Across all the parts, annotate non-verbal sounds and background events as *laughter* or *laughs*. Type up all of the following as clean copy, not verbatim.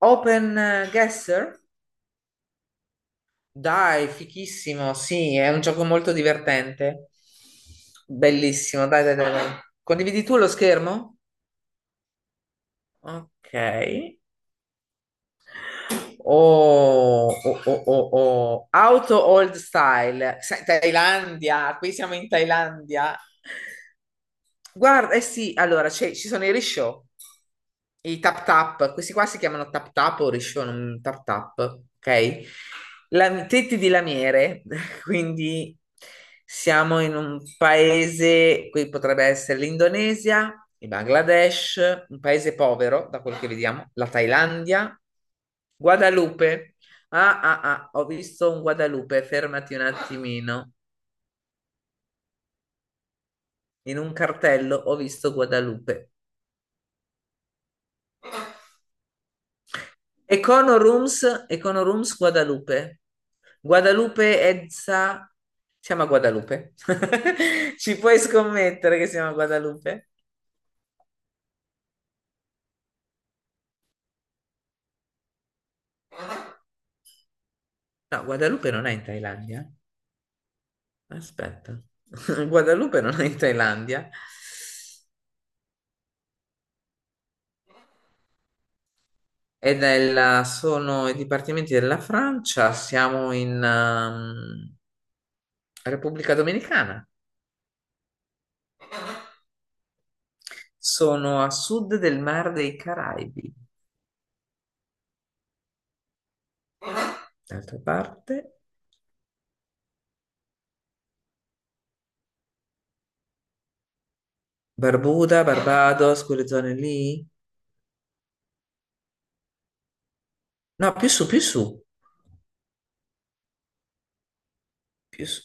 Open Guesser? Dai, fichissimo, sì, è un gioco molto divertente. Bellissimo, dai, dai, dai, dai. Condividi tu lo schermo? Ok. Oh, oh, oh, oh, oh. Auto old style. Sai, Thailandia, qui siamo in Thailandia. Guarda, eh sì, allora ci sono i risciò, i tap tap, questi qua si chiamano tap tap o risciò, non tap tap, ok? La, tetti di lamiere, *laughs* quindi siamo in un paese, qui potrebbe essere l'Indonesia, il Bangladesh, un paese povero, da quello che vediamo, la Thailandia, Guadalupe. Ah, ah, ah, ho visto un Guadalupe, fermati un attimino. In un cartello ho visto Guadalupe. Econorooms, Econorooms Guadalupe. Guadalupe Edsa. Siamo a Guadalupe. *laughs* Ci puoi scommettere che siamo a Guadalupe? No, Guadalupe non è in Thailandia. Aspetta. *laughs* Guadalupe non è in Thailandia. Sono i dipartimenti della Francia. Siamo in Repubblica Dominicana. Sono a sud del Mar dei Caraibi. D'altra parte. Barbuda, Barbados, quelle zone lì? No, più su, più su, più su.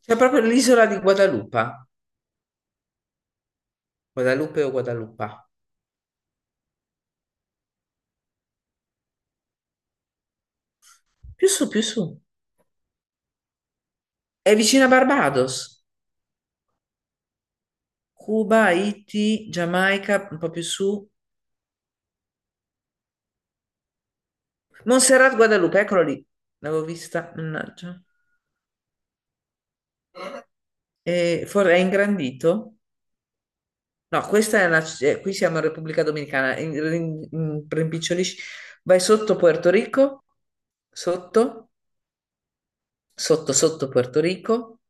C'è proprio l'isola di Guadalupe, Guadalupe o Guadalupa. Più su, più su. È vicino a Barbados. Cuba, Haiti, Giamaica, un po' più su. Montserrat, Guadalupe, eccolo lì. L'avevo vista, mannaggia. E è ingrandito? No, qui siamo in Repubblica Dominicana. Rimpicciolisci. Vai sotto Puerto Rico, sotto, sotto, sotto Puerto Rico.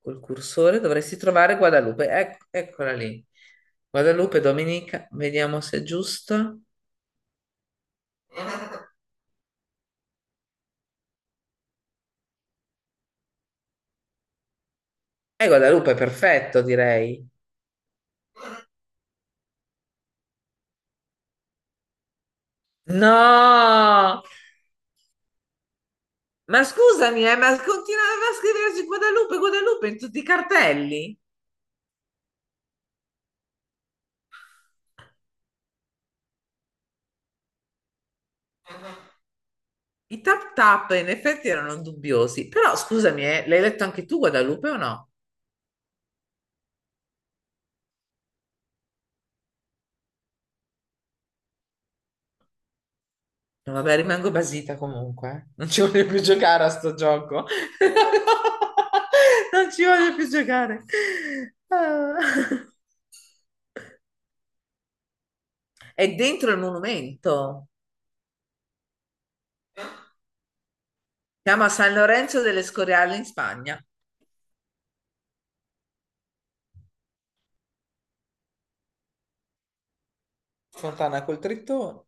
Col cursore dovresti trovare Guadalupe. Eccola lì. Guadalupe, Domenica, vediamo se è giusto. E Guadalupe, perfetto, direi. No! Ma scusami, ma continuava a scriversi Guadalupe, Guadalupe in tutti i cartelli. I tap tap in effetti erano dubbiosi. Però scusami, l'hai letto anche tu Guadalupe o no? No, vabbè, rimango basita comunque. Eh. Non ci voglio più giocare a sto gioco. *laughs* Non ci voglio più giocare. Ah. È dentro il monumento. Si chiama San Lorenzo delle Scoriale in Spagna. Fontana col Trittone.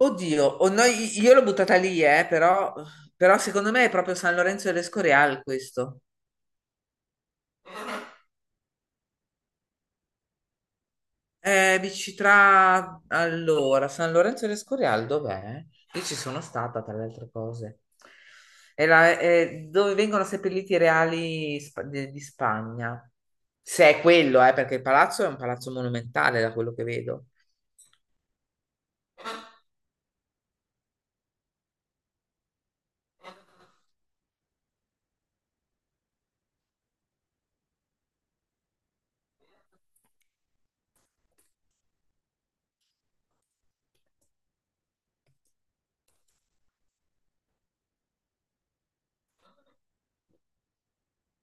Oddio, io l'ho buttata lì, però, però secondo me è proprio San Lorenzo delle Scoriale questo. Dici tra allora San Lorenzo de Escorial dov'è? Io ci sono stata tra le altre cose. È dove vengono seppelliti i reali di Spagna. Se è quello, perché il palazzo è un palazzo monumentale da quello che vedo.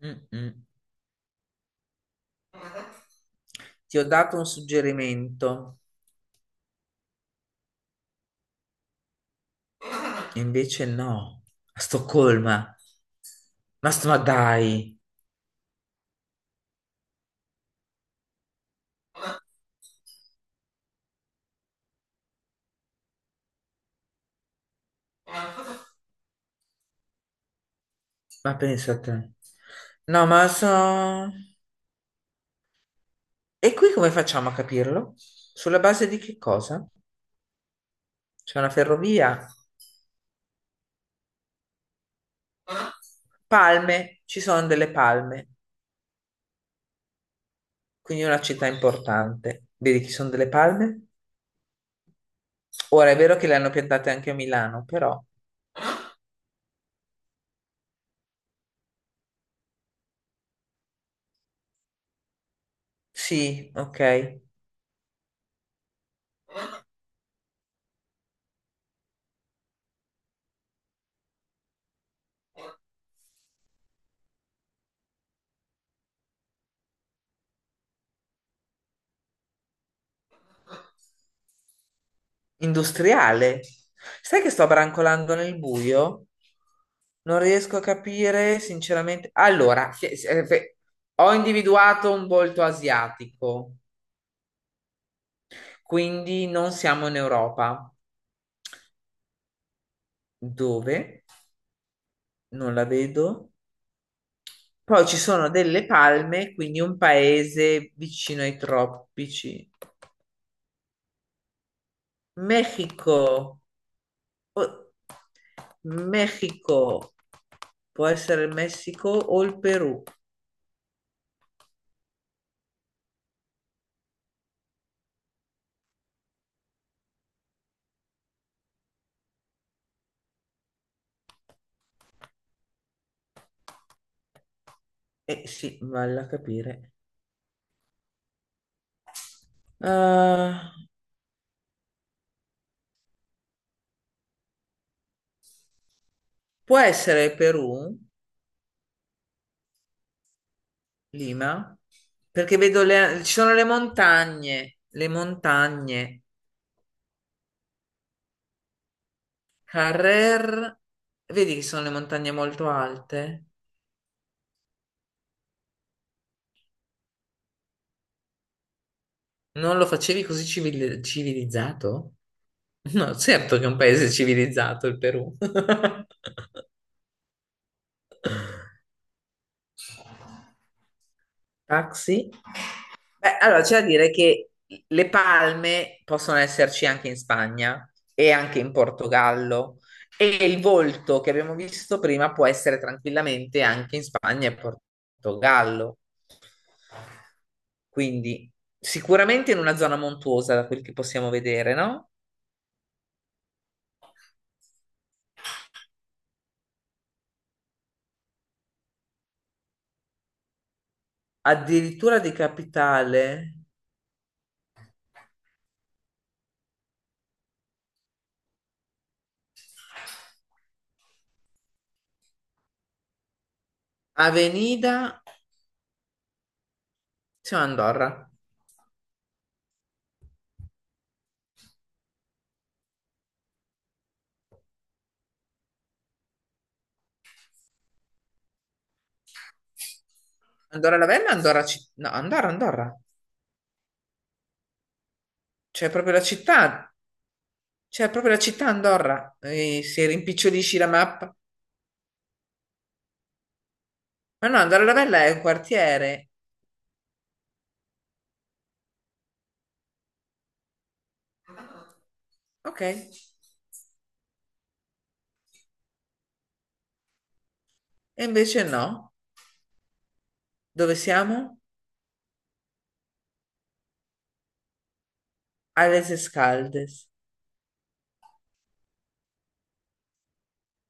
Mm-mm. Ti ho dato un suggerimento, e invece no, a Stoccolma. Ma dai, ma pensa a te. No, ma so. E qui come facciamo a capirlo? Sulla base di che cosa? C'è una ferrovia, palme, ci sono delle palme, quindi è una città importante. Vedi che ci sono delle palme? Ora è vero che le hanno piantate anche a Milano, però sì, ok. Industriale. Sai che sto brancolando nel buio? Non riesco a capire, sinceramente. Allora, ho individuato un volto asiatico, quindi non siamo in Europa. Dove? Non la vedo. Poi ci sono delle palme, quindi un paese vicino ai tropici. Messico. O- Messico. Può essere il Messico o il Perù. Eh sì, vale a capire. Ah, può essere il Perù, Lima, perché ci sono le montagne, le montagne. Carrer, vedi che sono le montagne molto alte? Non lo facevi così civilizzato? *laughs* No, certo che è un paese civilizzato il Perù. *laughs* Taxi? Beh, allora c'è da dire che le palme possono esserci anche in Spagna e anche in Portogallo e il volto che abbiamo visto prima può essere tranquillamente anche in Spagna e Portogallo. Quindi sicuramente in una zona montuosa, da quel che possiamo vedere, no? Addirittura di capitale. Avenida, sì, no, Andorra. Andorra la Vella, Andorra, no, Andorra, Andorra. C'è proprio la città, c'è proprio la città Andorra. E se rimpicciolisci la mappa. Ma no, Andorra la Vella è un quartiere. Ok. E invece no. Dove siamo? A Les Escaldes.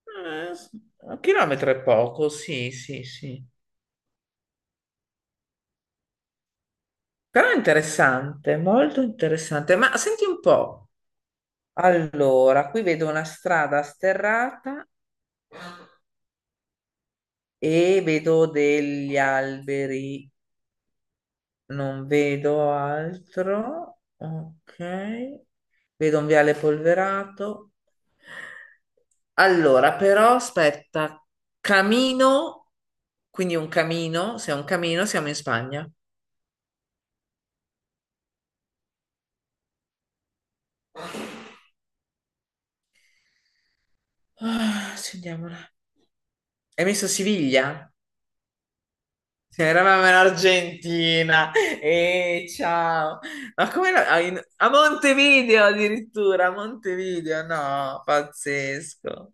Eh, un chilometro è poco, sì, sì, sì. Però è interessante, molto interessante. Ma senti un po'. Allora, qui vedo una strada sterrata e vedo degli alberi, non vedo altro. Ok. Vedo un viale polverato. Allora, però aspetta, camino, quindi un camino, se è un camino siamo in Spagna. Ah, accendiamola. Hai messo Siviglia? Sì, eravamo in Argentina e ciao, ma come era- a in- a Montevideo addirittura, a Montevideo, no, pazzesco.